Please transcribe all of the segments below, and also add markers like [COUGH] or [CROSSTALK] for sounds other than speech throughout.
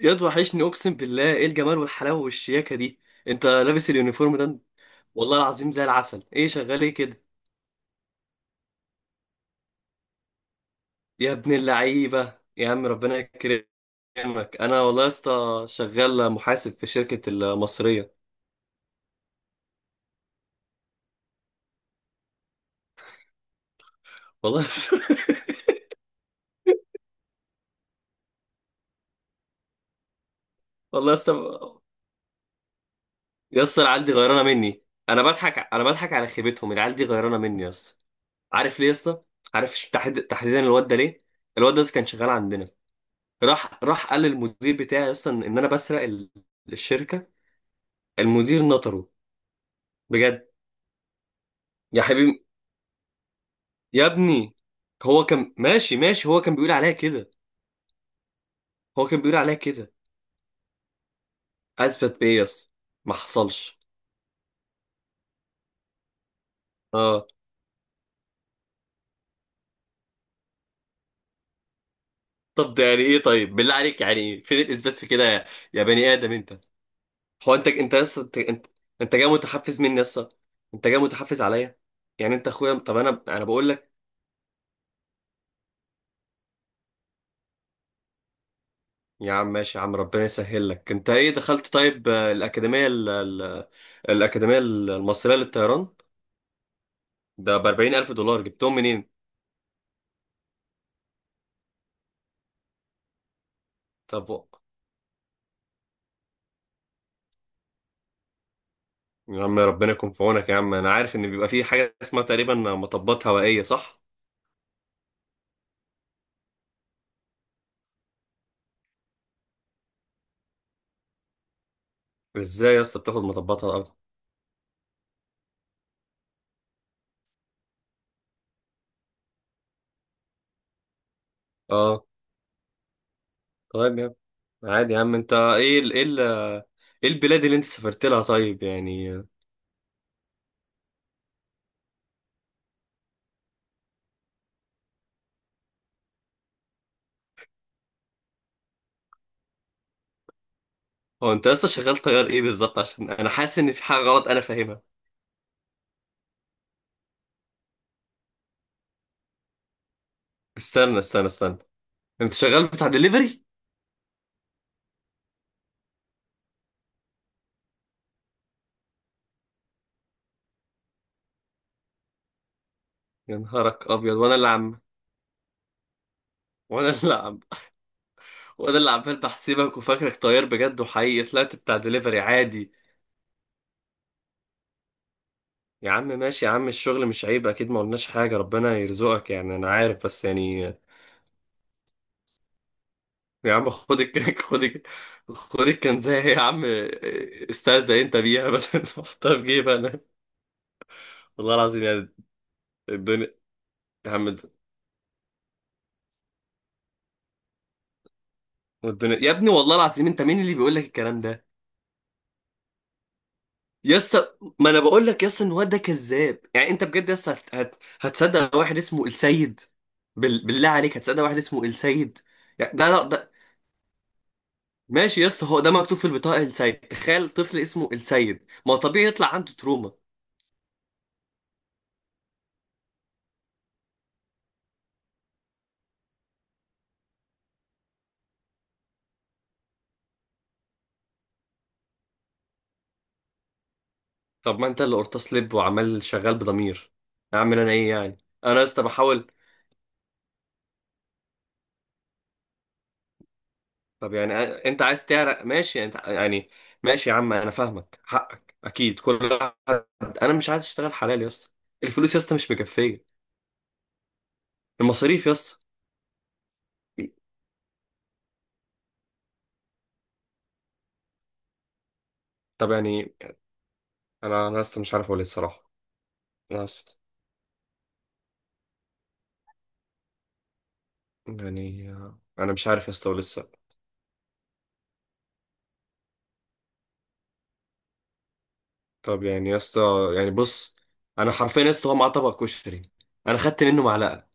ياد وحشني، اقسم بالله ايه الجمال والحلاوه والشياكه دي؟ انت لابس اليونيفورم ده؟ والله العظيم زي العسل. ايه شغال ايه كده؟ يا ابن اللعيبه، يا عم ربنا يكرمك. انا والله يا اسطى شغال محاسب في شركه المصريه. والله يا اسطى- [LAUGHS] والله يا اسطى. يا اسطى العيال دي غيرانه مني، انا بضحك على خيبتهم. العيال دي غيرانه مني يا اسطى. عارف ليه يا اسطى؟ عارف تحديدا الواد ده ليه؟ الواد ده كان شغال عندنا، راح قال للمدير بتاعي يا اسطى ان انا بسرق الشركه. المدير نطره. بجد؟ يا حبيبي، يا ابني، هو كان ماشي، هو كان بيقول عليها كده. هو كان بيقول عليها كده. اثبت بايه يا اسطى؟ ما حصلش. اه. طب ده يعني ايه؟ طيب بالله عليك يعني فين الاثبات في كده، يا يا بني ادم انت؟ هو انت يا اسطى، انت انت جاي متحفز مني يا اسطى. انت جاي متحفز عليا. يعني انت اخويا، طب انا بقول لك. يا عم ماشي، يا عم ربنا يسهل لك. انت ايه دخلت؟ طيب، الاكاديميه الاكاديميه المصريه للطيران. ده ب 40,000 دولار جبتهم منين؟ طب يا عم ربنا يكون في عونك. يا عم انا عارف ان بيبقى في حاجه اسمها تقريبا مطبات هوائيه، صح؟ ازاي يا اسطى بتاخد مطبات على الارض؟ اه. طيب يا عم. عادي يا عم. انت ايه البلاد اللي انت سافرت لها طيب يعني؟ هو انت لسه شغال طيار ايه بالظبط؟ عشان انا حاسس ان في حاجه غلط انا فاهمها. استنى استنى استنى، انت شغال بتاع دليفري؟ يا نهارك ابيض. وانا اللي عم وانا اللي عمال بحسبك وفاكرك طيار بجد وحقيقي، طلعت بتاع دليفري عادي. يا عم ماشي، يا عم الشغل مش عيب، اكيد ما قلناش حاجه، ربنا يرزقك يعني. انا عارف بس يعني. يا عم خد الك، [LAUGHS] خد الك، خد الكنزه يا عم. استهزأ انت بيها. [LAUGHS] بدل ما احطها في جيبي انا. والله العظيم يعني، الدنيا. يا عم. الدنيا يا ابني، والله العظيم انت مين اللي بيقول لك الكلام ده؟ يا اسطى، ما انا بقول لك يا اسطى ان الواد ده كذاب. يعني انت بجد يا اسطى هتصدق واحد اسمه السيد؟ بالله عليك هتصدق واحد اسمه السيد؟ يعني ده ماشي يا اسطى، هو ده مكتوب في البطاقه، السيد. تخيل طفل اسمه السيد، ما هو طبيعي يطلع عنده تروما. طب ما انت اللي قرطاس لب وعمال شغال بضمير، اعمل انا ايه يعني؟ انا يا اسطى بحاول. طب يعني انت عايز تعرق، ماشي انت يعني. ماشي يا عم انا فاهمك، حقك اكيد، كل واحد. انا مش عايز اشتغل حلال يا اسطى. الفلوس يا اسطى مش مكفيه، المصاريف يا اسطى. طب يعني انا يا اسطى مش عارف اقول إيه الصراحه. انا يا اسطى، يعني انا مش عارف يا اسطى اقول إيه. طب يعني يا اسطى، يعني بص، انا حرفيا يا اسطى هو معاه طبق كشري، انا خدت منه معلقه،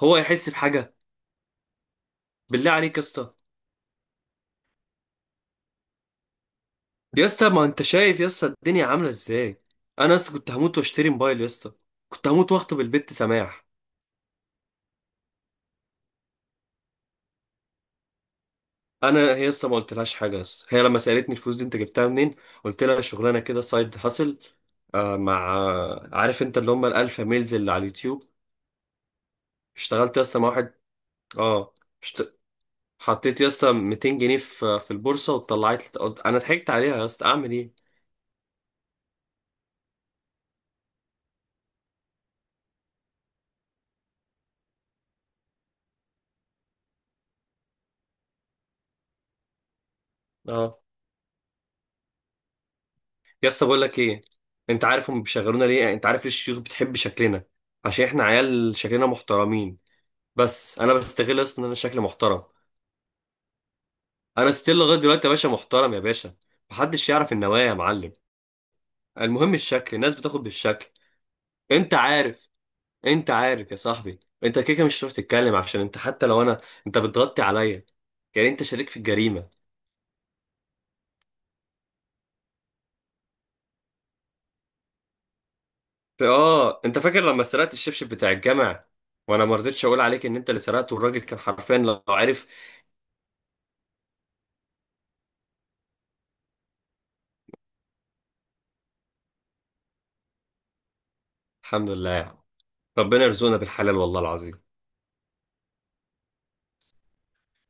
هو يحس بحاجه؟ بالله عليك يا اسطى. يا اسطى ما انت شايف يا اسطى الدنيا عامله ازاي. انا يا اسطى كنت هموت واشتري موبايل يا اسطى، كنت هموت واخطب البت سماح. انا هي يا اسطى ما قلتلهاش حاجه يا اسطى، هي لما سالتني الفلوس دي انت جبتها منين قلت لها شغلانه كده سايد هاسل. آه مع آه، عارف انت اللي هم الالفا ميلز اللي على اليوتيوب، اشتغلت يا اسطى مع واحد. اه. حطيت يا اسطى 200 جنيه في البورصه وطلعت لي، قلت انا ضحكت عليها يا اسطى، اعمل ايه؟ اه، يا اسطى بقول لك ايه. انت عارف هم بيشغلونا ليه؟ انت عارف ليه الشيوخ بتحب شكلنا؟ عشان احنا عيال شكلنا محترمين. بس انا بستغل اصلا ان انا شكلي محترم. انا ستيل لغايه دلوقتي يا باشا محترم يا باشا، محدش يعرف النوايا يا معلم. المهم الشكل، الناس بتاخد بالشكل. انت عارف. انت عارف يا صاحبي. انت كده كده مش هتروح تتكلم، عشان انت حتى لو انا، انت بتغطي عليا، يعني انت شريك في الجريمه. اه، انت فاكر لما سرقت الشبشب بتاع الجامع، وانا ما رضيتش اقول عليك ان انت اللي سرقته، والراجل كان حرفيا لو عارف. الحمد لله يعني. ربنا يرزقنا بالحلال والله العظيم.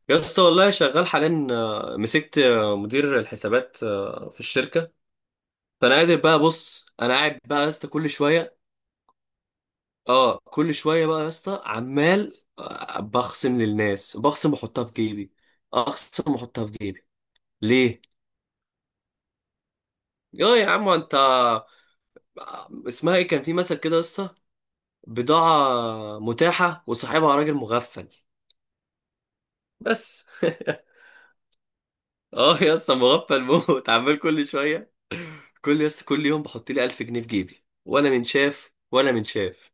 يا اسطى والله شغال حاليا، مسكت مدير الحسابات في الشركه. فانا قادر بقى. بص، انا قاعد بقى يا اسطى كل شويه. اه، كل شويه بقى يا اسطى عمال بخصم للناس، بخصم واحطها في جيبي، اخصم واحطها في جيبي. ليه؟ يا يا عم انت، اسمها ايه، كان في مثل كده يا اسطى، بضاعة متاحة وصاحبها راجل مغفل. بس، [LAUGHS] اه يا اسطى مغفل موت. [LAUGHS] عمال كل شوية، كل يوم بحط لي 1000 جنيه في جيبي، ولا من شاف ولا من شاف.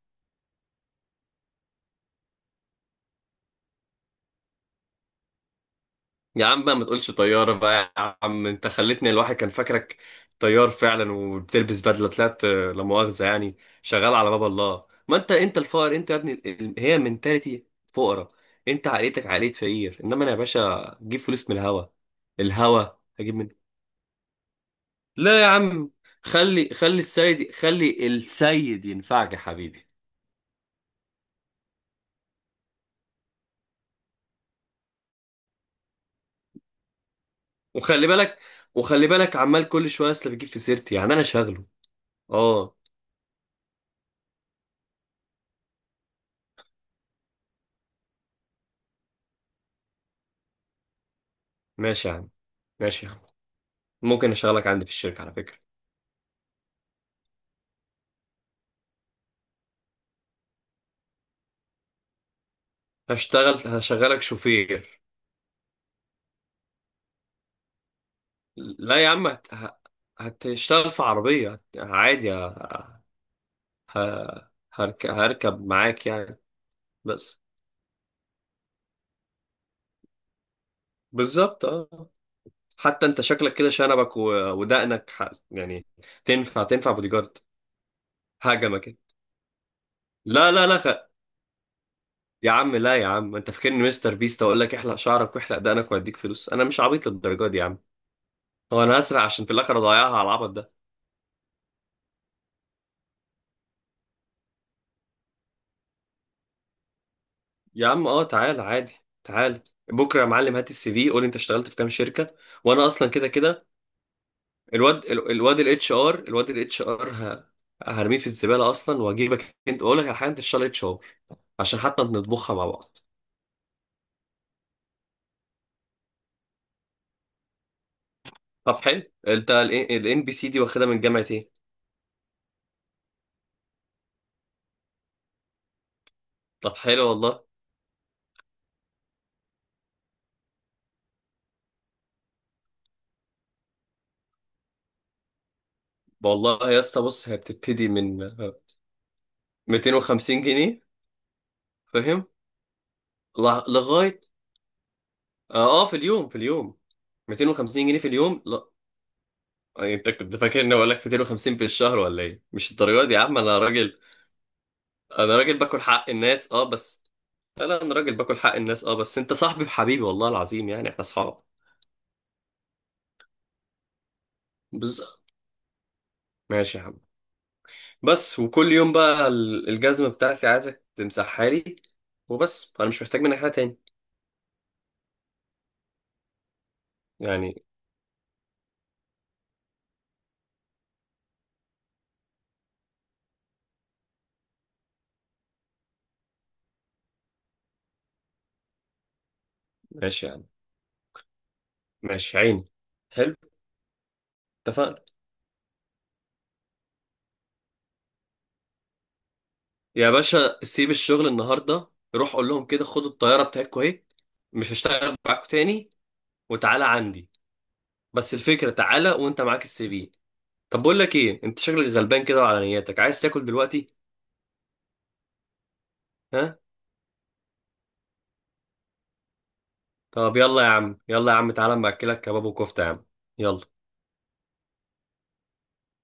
يا عم بقى ما تقولش طيارة بقى يا عم، انت خلتني الواحد كان فاكرك طيار فعلا وبتلبس بدلة، طلعت لا مؤاخذة يعني شغال على باب الله. ما انت انت الفقر. انت يا ابني هي منتاليتي فقرة. انت عائلتك عائلة فقير، انما انا يا باشا جيب فلوس من الهوا. الهوا هجيب. لا يا عم، خلي السيد، خلي السيد ينفعك يا حبيبي. وخلي بالك، وخلي بالك، عمال كل شويه اصل بيجيب في سيرتي، يعني انا شغله. اه، ماشي يا عم، ماشي يا عم، ممكن اشغلك عندي في الشركه على فكره، هشتغل، هشغلك شوفير. لا يا عم، هتشتغل في عربيه عادي، هركب معاك يعني بس. بالظبط اه. حتى انت شكلك كده شنبك و... ودقنك ح... يعني تنفع بودي جارد. هجمك. لا لا لا خ- يا عم، لا يا عم، انت فاكرني مستر بيست اقول لك احلق شعرك واحلق دقنك واديك فلوس؟ انا مش عبيط للدرجه دي يا عم، هو انا هسرع عشان في الاخر اضيعها على العبط ده؟ يا عم اه، تعال عادي، تعال بكره يا معلم، هات السي في، قول انت اشتغلت في كام شركه. وانا اصلا كده كده الواد الواد الاتش ار، الواد الاتش ار هرميه في الزباله اصلا، واجيبك انت. اقول لك على حاجه، انت اشتغل اتش ار عشان حتى نطبخها مع بعض. طب حلو. انت الان بي سي دي واخدها من جامعه ايه؟ طب حلو والله. والله يا اسطى بص، هي بتبتدي من 250 جنيه، فاهم؟ لغايه اه، في اليوم، في اليوم. 250 جنيه في اليوم لا، يعني انت كنت فاكر اني اقول لك 250 في الشهر ولا ايه؟ مش الدرجه دي يا عم، انا راجل، انا راجل باكل حق الناس اه بس. لا لا، انا راجل باكل حق الناس اه بس انت صاحبي بحبيبي، والله العظيم يعني احنا اصحاب. بز. ماشي يا عم. بس، وكل يوم بقى الجزمه بتاعتي عايزك تمسحها لي، وبس، انا مش محتاج منك حاجه تاني يعني. ماشي يا عم، ماشي عيني. حلو. اتفقنا يا باشا، سيب الشغل النهارده، روح قول لهم كده خدوا الطياره بتاعتكم اهي، مش هشتغل معاكم تاني، وتعالى عندي. بس الفكره تعالى وانت معاك السي في. طب بقول لك ايه، انت شكلك غلبان كده وعلى نياتك عايز تاكل دلوقتي. ها؟ طب يلا يا عم، يلا يا عم تعالى اما اكلك كباب وكفته يا عم. يلا.